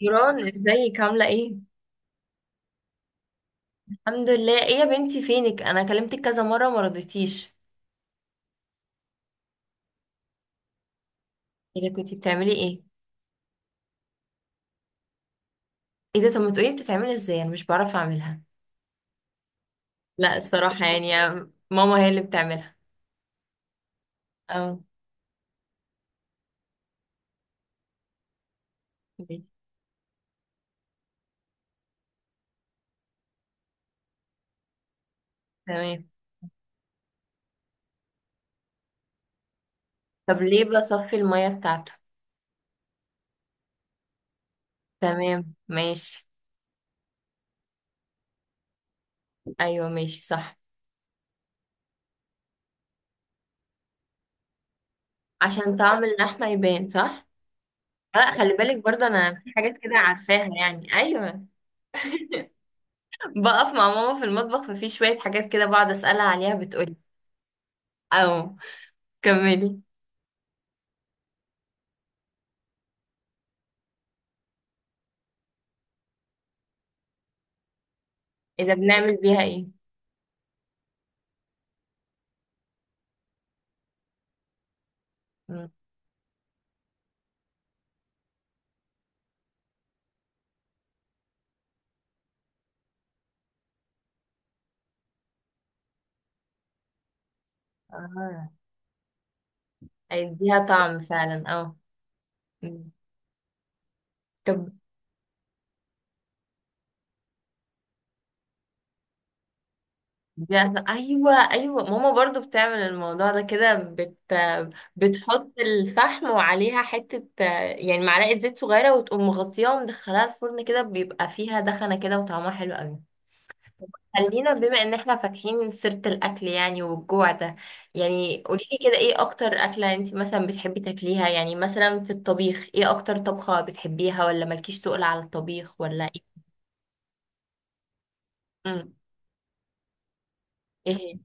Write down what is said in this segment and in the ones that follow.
يوران، ازيك؟ عاملة ايه؟ الحمد لله. ايه يا بنتي، فينك؟ انا كلمتك كذا مرة ما رضيتيش. ايه ده، كنتي بتعملي ايه؟ ايه ده، طب ما تقولي بتتعملي ازاي؟ انا مش بعرف اعملها. لا الصراحة يعني، ماما هي اللي بتعملها. اه، ماشي. تمام. طب ليه بصفي المية بتاعته؟ تمام، ماشي. ايوه، ماشي، صح. عشان طعم اللحمة يبان، صح؟ لا خلي بالك، برضه انا في حاجات كده عارفاها يعني. ايوه، بقف مع ماما في المطبخ، ففي شوية حاجات كده بقعد اسألها عليها بتقولي. او كملي. اذا بنعمل بيها ايه؟ مم. اه، هيديها طعم فعلا، اه. مم. طب ده، ايوه ايوه، ماما برضو بتعمل الموضوع ده كده، بتحط الفحم وعليها حته، آه، يعني معلقه زيت صغيره وتقوم مغطياها ومدخلاها الفرن، كده بيبقى فيها دخنه كده وطعمها حلو قوي. خلينا بما ان احنا فاتحين سيرة الاكل يعني، والجوع ده، يعني قوليلي كده ايه اكتر اكلة انت مثلا بتحبي تاكليها؟ يعني مثلا في الطبيخ ايه اكتر طبخة بتحبيها؟ ولا مالكيش تقول على الطبيخ، ولا ايه؟ امم، ايه هي؟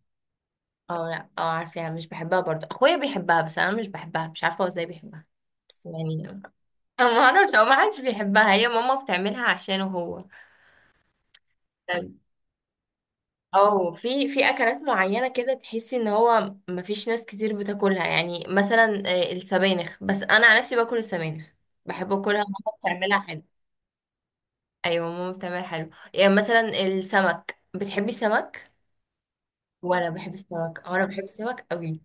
اه، لا اه عارفاها، مش بحبها برضه. اخويا بيحبها بس انا مش بحبها، مش عارفة هو ازاي بيحبها. بس يعني أنا ما اعرفش او ما حدش بيحبها، هي ماما بتعملها عشانه هو. اه، في اكلات معينه كده تحسي ان هو مفيش ناس كتير بتاكلها، يعني مثلا آه، السبانخ، بس انا عن نفسي باكل السبانخ، بحب اكلها. ماما بتعملها حلو. ايوه ماما بتعملها حلو، يعني مثلا السمك، بتحبي السمك، وانا بحب السمك قوي.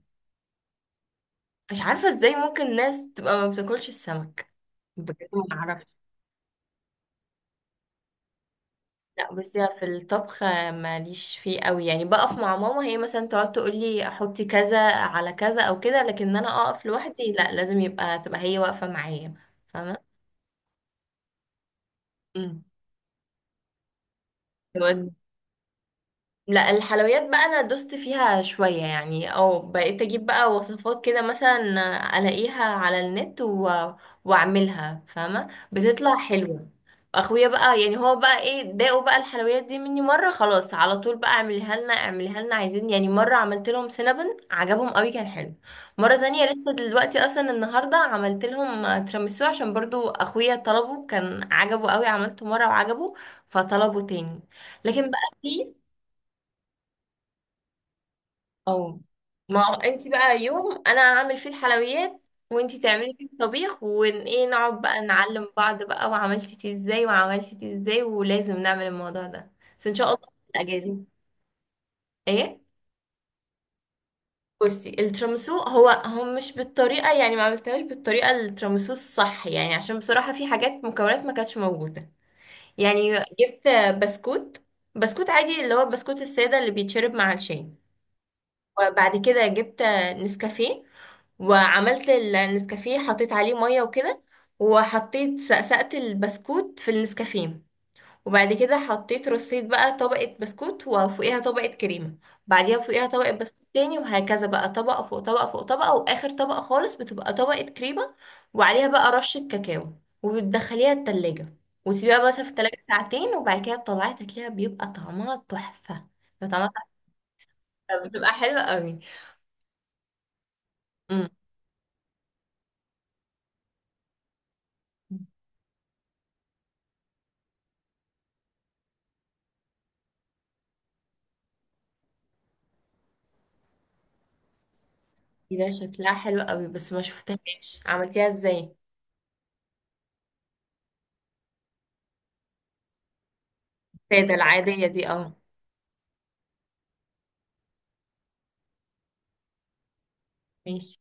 مش عارفه ازاي ممكن ناس تبقى ما بتاكلش السمك؟ بجد ما اعرفش. لا بصي، في الطبخ ماليش فيه قوي، يعني بقف مع ماما، هي مثلا تقعد تقول لي احطي كذا على كذا او كده، لكن انا اقف لوحدي لا، لازم يبقى تبقى هي واقفة معايا. فاهمة؟ مم. لا الحلويات بقى، انا دوست فيها شوية يعني، او بقيت اجيب بقى وصفات كده مثلا الاقيها على النت واعملها، فاهمة، بتطلع حلوة. اخويا بقى يعني هو بقى، ايه، داقوا بقى الحلويات دي مني مرة، خلاص على طول بقى اعملها لنا اعملها لنا عايزين، يعني مرة عملت لهم سينابون عجبهم قوي، كان حلو. مرة تانية لسه دلوقتي، اصلا النهاردة عملت لهم تيراميسو عشان برضو اخويا طلبه، كان عجبه قوي، عملته مرة وعجبه فطلبه تاني. لكن بقى في، اه. ما هو انت بقى يوم انا هعمل فيه الحلويات وانت تعملي فيه الطبيخ، ون ايه، نقعد بقى نعلم بعض بقى، وعملتي دي ازاي وعملتي دي ازاي، ولازم نعمل الموضوع ده. بس ان شاء الله في الاجازه. ايه؟ بصي، الترامسو هو، مش بالطريقه يعني، ما عملتهاش بالطريقه الترامسو الصح يعني، عشان بصراحه في حاجات مكونات ما كانتش موجوده يعني. جبت بسكوت بسكوت عادي اللي هو البسكوت الساده اللي بيتشرب مع الشاي. وبعد كده جبت نسكافيه، وعملت النسكافيه حطيت عليه ميه وكده، وحطيت سقسقت البسكوت في النسكافيه، وبعد كده حطيت رصيت بقى طبقة بسكوت وفوقيها طبقة كريمة، بعديها فوقيها طبقة بسكوت تاني، وهكذا بقى طبقة فوق طبقة فوق طبقة، وآخر طبقة خالص بتبقى طبقة كريمة، وعليها بقى رشة كاكاو، وبتدخليها التلاجة، وتسيبيها مثلا في التلاجة ساعتين، وبعد كده تطلعي تاكليها بيبقى طعمها تحفة. بيبقى طعمها تحفة، بتبقى حلوة قوي. مم. دي، ده شكلها حلو قوي، بس ما شفتهاش عملتيها ازاي. السادة العادية دي، اه. ماشي.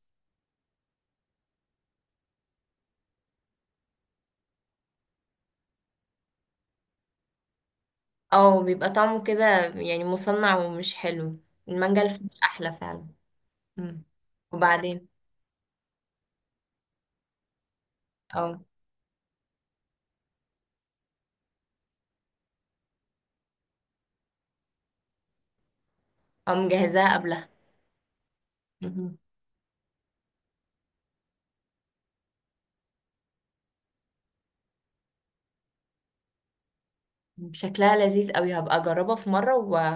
اه بيبقى طعمه كده يعني مصنع ومش حلو، المانجا الفريش احلى فعلا. مم. وبعدين؟ اه، اه مجهزاها قبلها. مهم. شكلها لذيذ قوي، هبقى اجربها في مرة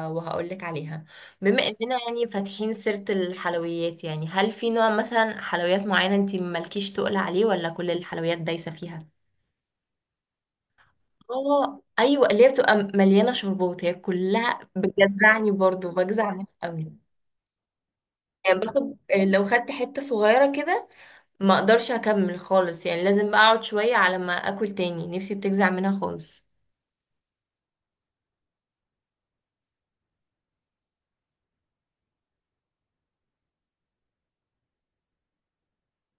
وهقول لك عليها. بما اننا يعني فاتحين سيرة الحلويات، يعني هل في نوع مثلا حلويات معينة انت مالكيش تقول عليه، ولا كل الحلويات دايسة فيها؟ اه، ايوه اللي هي بتبقى مليانه شربات، هي كلها بتجزعني برضو، بجزع منها قوي. يعني باخد، لو خدت حته صغيره كده ما اقدرش اكمل خالص، يعني لازم بقى اقعد شويه على ما اكل تاني، نفسي بتجزع منها خالص.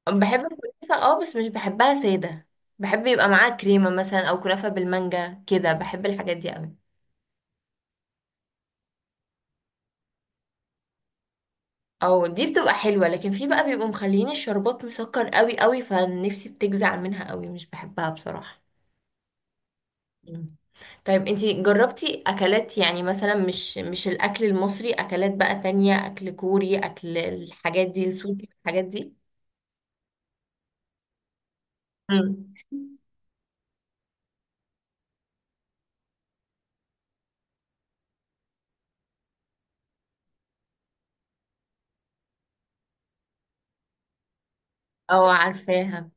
بحب الكنافه اه، بس مش بحبها ساده، بحب يبقى معاها كريمه مثلا، او كنافه بالمانجا كده، بحب الحاجات دي قوي. او دي بتبقى حلوه، لكن في بقى بيبقوا مخليين الشربات مسكر قوي، فنفسي بتجزع منها قوي، مش بحبها بصراحه. مم. طيب، انتي جربتي اكلات يعني مثلا مش الاكل المصري، اكلات بقى تانية، اكل كوري، اكل الحاجات دي، السوشي الحاجات دي؟ مم. اه عارفاها،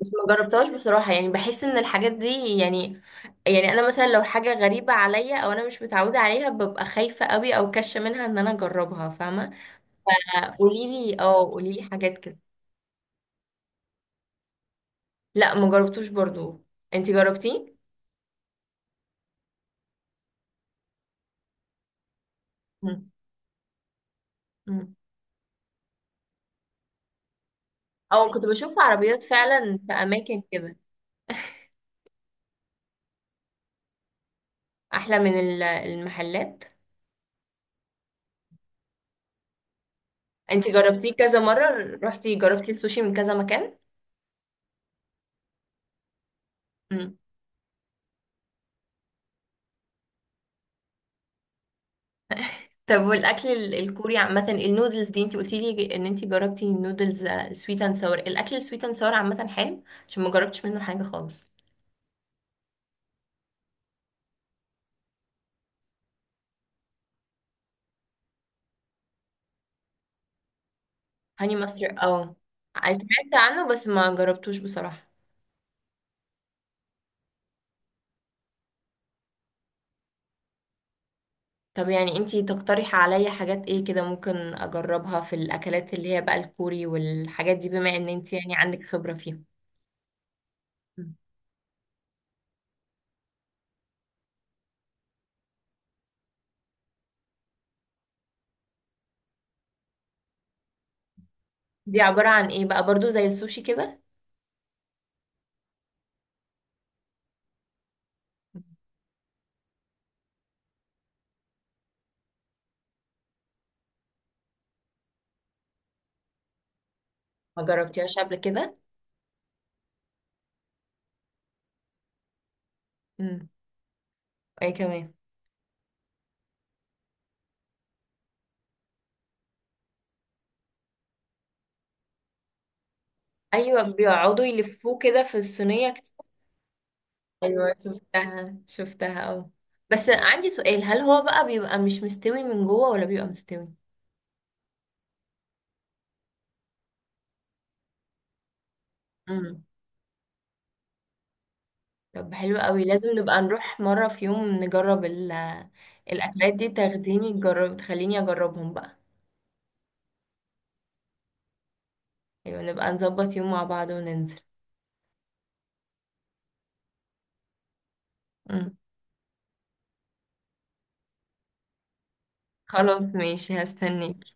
بس ما جربتهاش بصراحة، يعني بحس ان الحاجات دي، يعني، يعني انا مثلا لو حاجة غريبة عليا او انا مش متعودة عليها، ببقى خايفة قوي او كاشة منها ان انا اجربها، فاهمة؟ آه، قوليلي، اه قوليلي حاجات كده. لا ما جربتوش برضو، انتي جربتيه؟ مم. مم. اه كنت بشوف عربيات فعلا في اماكن كده. احلى من المحلات. انت جربتيه كذا مرة، رحتي جربتي السوشي من كذا مكان؟ مم. طب والاكل الكوري عامة، النودلز دي انت قلتي لي ان انت جربتي النودلز سويت اند ساور، الاكل السويت اند ساور عامة حلو؟ عشان ما جربتش منه حاجة خالص. هاني ماستر، اه، سمعت عنه بس ما جربتوش بصراحة. طب يعني انت تقترحي عليا حاجات ايه كده ممكن اجربها في الاكلات اللي هي بقى الكوري والحاجات دي، بما ان انت يعني عندك خبرة فيها؟ مم. دي عبارة عن ايه بقى؟ برضو زي السوشي كده؟ ما جربتيهاش قبل كده؟ امم. اي كمان؟ ايوه بيقعدوا يلفوه كده في الصينيه كتير. ايوه شفتها، اه. بس عندي سؤال، هل هو بقى بيبقى مش مستوي من جوه ولا بيبقى مستوي؟ امم. طب حلو قوي، لازم نبقى نروح مره في يوم نجرب ال، الاكلات دي، تاخديني تجرب، تخليني اجربهم بقى. ايوه نبقى نظبط يوم مع بعض وننزل. امم. خلاص، ماشي، هستنيك.